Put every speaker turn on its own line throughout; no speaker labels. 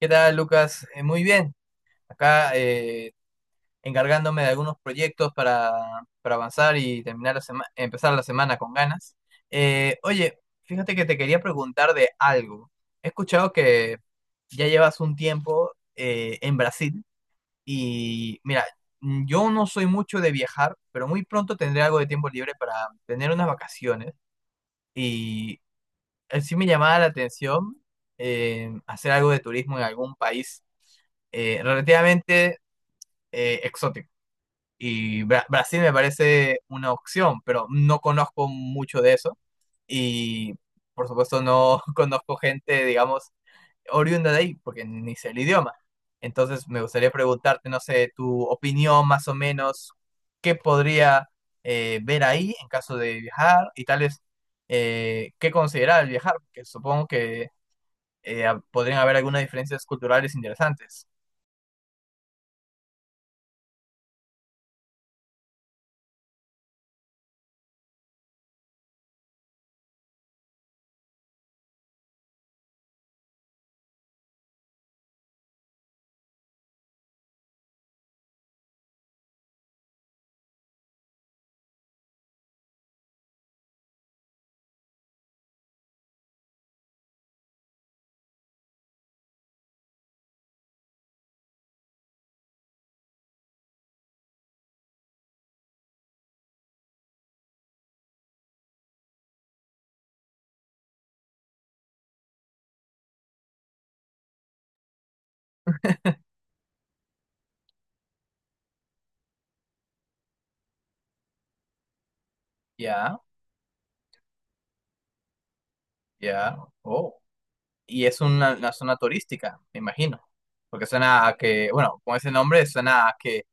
¿Qué tal, Lucas? Muy bien. Acá encargándome de algunos proyectos para avanzar y terminar la empezar la semana con ganas. Oye, fíjate que te quería preguntar de algo. He escuchado que ya llevas un tiempo en Brasil. Y mira, yo no soy mucho de viajar, pero muy pronto tendré algo de tiempo libre para tener unas vacaciones. Y sí me llamaba la atención, hacer algo de turismo en algún país relativamente exótico. Y Brasil me parece una opción, pero no conozco mucho de eso. Y por supuesto no conozco gente, digamos, oriunda de ahí, porque ni sé el idioma. Entonces me gustaría preguntarte, no sé, tu opinión más o menos, qué podría ver ahí en caso de viajar y tal vez qué considerar al viajar, porque supongo que eh, podrían haber algunas diferencias culturales interesantes. Ya. Ya, oh. Y es una zona turística, me imagino. Porque suena a que, bueno, con ese nombre suena a que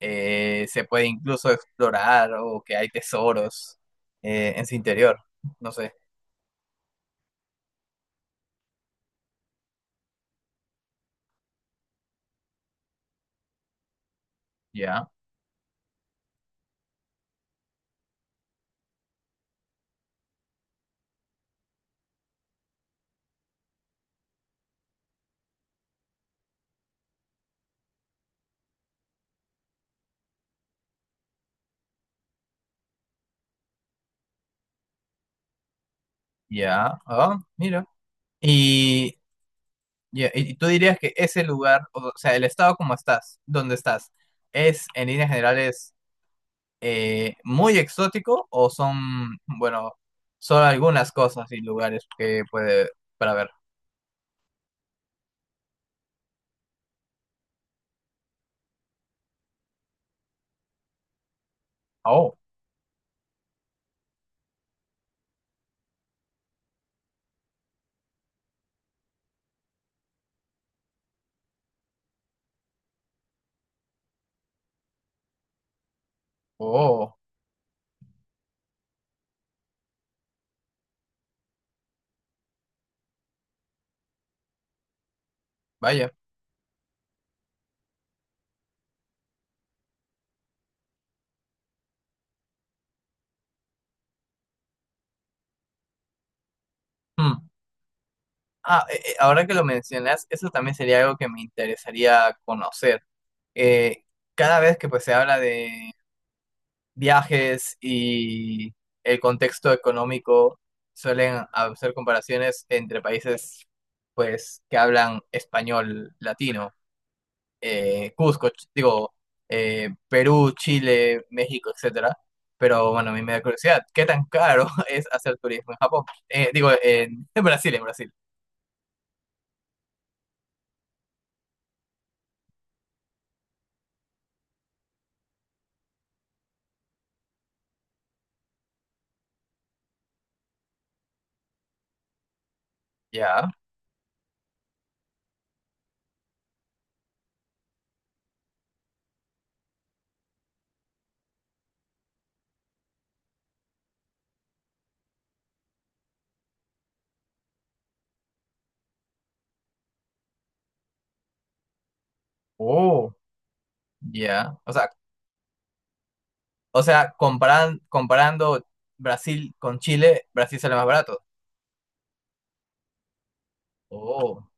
se puede incluso explorar o que hay tesoros en su interior. No sé. Ya, ya. Ah, mira. Y, ya, y tú dirías que ese lugar, o sea, el estado como estás, donde estás, es en líneas generales muy exótico. O son, bueno, solo algunas cosas y lugares que puede para ver. Oh. Oh, vaya. Hmm. Ah, ahora que lo mencionas, eso también sería algo que me interesaría conocer. Eh, Cada vez que pues se habla de viajes y el contexto económico, suelen hacer comparaciones entre países pues que hablan español latino, digo, Perú, Chile, México, etcétera. Pero bueno, a mí me da curiosidad, ¿qué tan caro es hacer turismo en Japón? Digo, en Brasil, en Brasil. Ya. Oh, ya. O sea, comparando Brasil con Chile, Brasil sale más barato. Oh,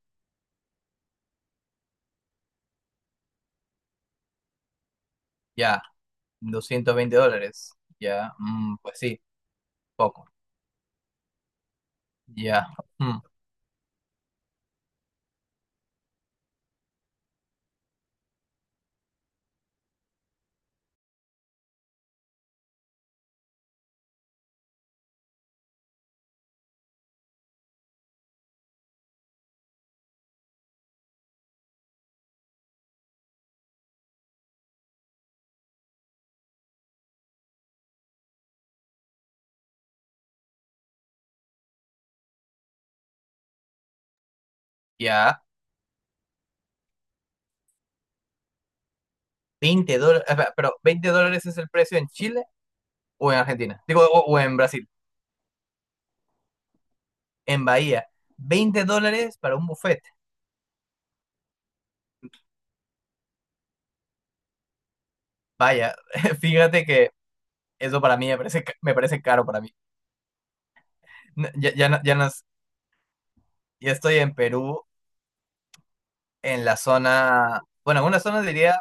ya. $220. Ya. Pues sí, poco. Ya. Mm, ya. $20. Pero, ¿$20 es el precio en Chile o en Argentina? Digo, o en Brasil. En Bahía. $20 para un buffet. Vaya, fíjate que eso para mí me parece, me parece caro para mí. Ya, ya, ya, ya estoy en Perú en la zona, bueno, en una zona diría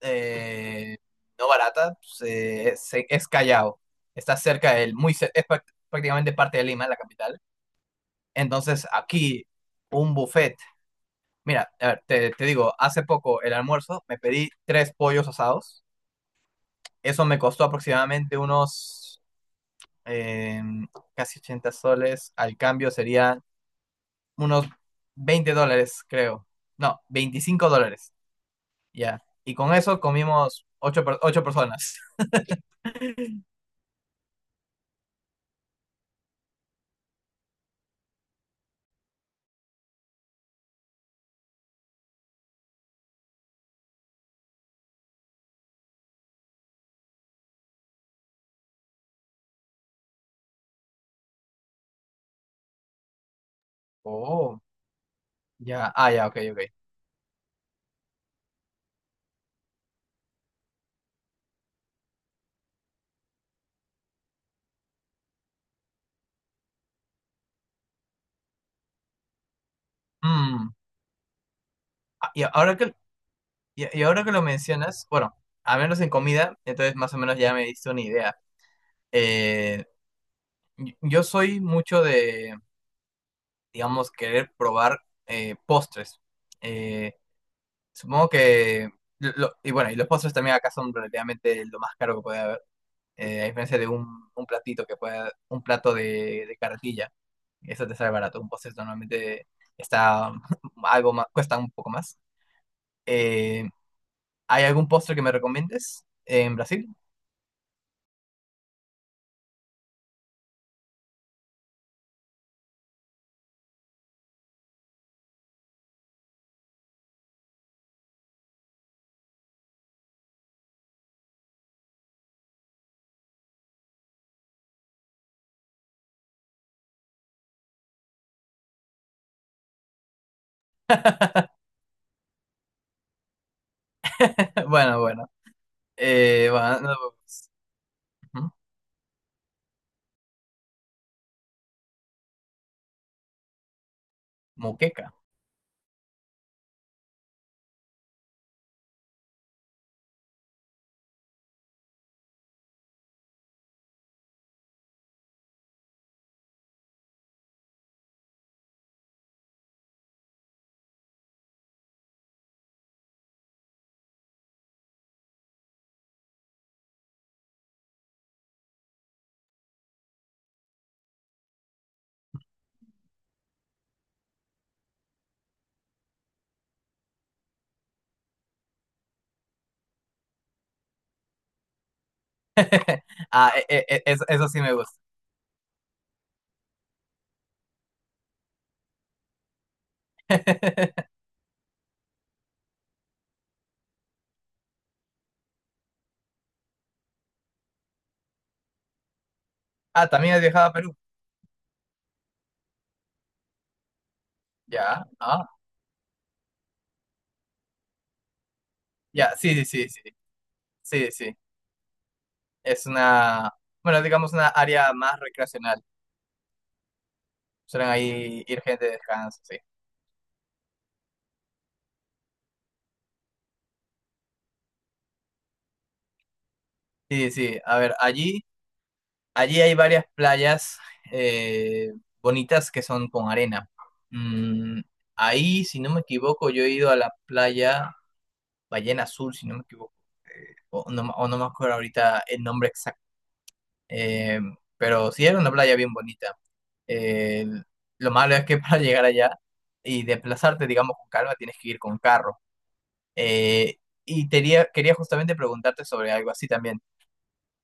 eh, no barata, es Callao. Está cerca del, muy, es prácticamente parte de Lima, la capital. Entonces, aquí, un buffet. Mira, a ver, te digo, hace poco el almuerzo me pedí tres pollos asados. Eso me costó aproximadamente unos eh, casi 80 soles. Al cambio serían unos $20, creo. No, $25. Ya. Y con eso comimos ocho personas. Oh, ya. Ah, ya, ok, ok. Mm. Ah, y ahora que lo mencionas, bueno, a menos en comida, entonces más o menos ya me diste una idea. Eh, yo soy mucho de, digamos, querer probar postres. Eh, Supongo que, y bueno, y los postres también acá son relativamente lo más caro que puede haber. A diferencia de un platito que pueda, un plato de carretilla, eso te sale barato. Un postre normalmente está algo más, cuesta un poco más. Eh, ¿Hay algún postre que me recomiendes en Brasil? Bueno, bueno. Bueno, no, pues, ¿hmm? Moqueca. Ah, eso, eso sí me gusta. Ah, también has viajado a Perú. Ya, ah, ya, sí, sí, sí, sí, sí, sí. Es una, bueno, digamos una área más recreacional. Suelen ahí ir gente de descanso, sí. Sí, sí, a ver, allí hay varias playas eh, bonitas que son con arena. Mm, ahí, si no me equivoco, yo he ido a la playa Ballena Azul, si no me equivoco. O no, me o no me acuerdo ahorita el nombre exacto. Eh, pero sí era una playa bien bonita. Eh, lo malo es que para llegar allá y desplazarte, digamos, con calma, tienes que ir con carro. Eh, Quería justamente preguntarte sobre algo así también.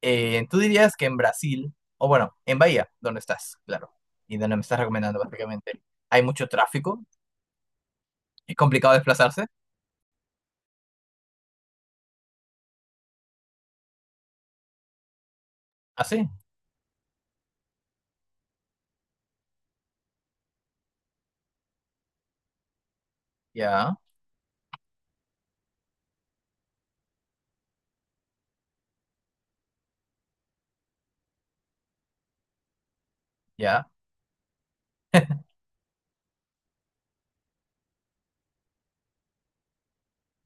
¿Tú dirías que en Brasil, o bueno, en Bahía, donde estás, claro, y donde me estás recomendando, prácticamente hay mucho tráfico? ¿Es complicado desplazarse? Ah, sí, ya, ya,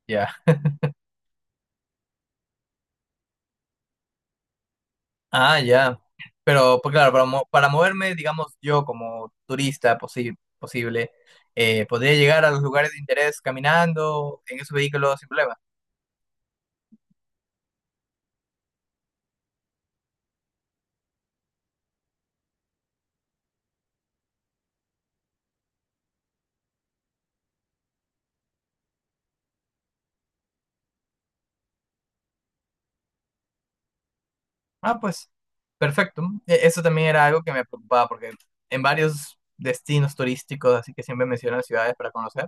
ya. Ah, ya. Pero, pues claro, para, para moverme, digamos, yo como turista posible, podría llegar a los lugares de interés caminando en esos vehículos sin problema. Ah, pues, perfecto. Eso también era algo que me preocupaba porque en varios destinos turísticos, así que siempre mencionan ciudades para conocer.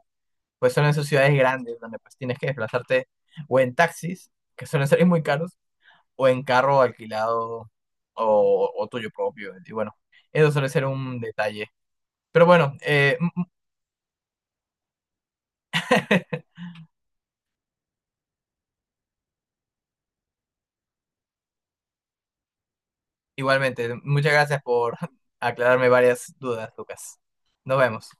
Pues suelen ser ciudades grandes donde pues tienes que desplazarte o en taxis, que suelen ser muy caros, o en carro alquilado o, tuyo propio. Y bueno, eso suele ser un detalle. Pero bueno, igualmente, muchas gracias por aclararme varias dudas, Lucas. Nos vemos.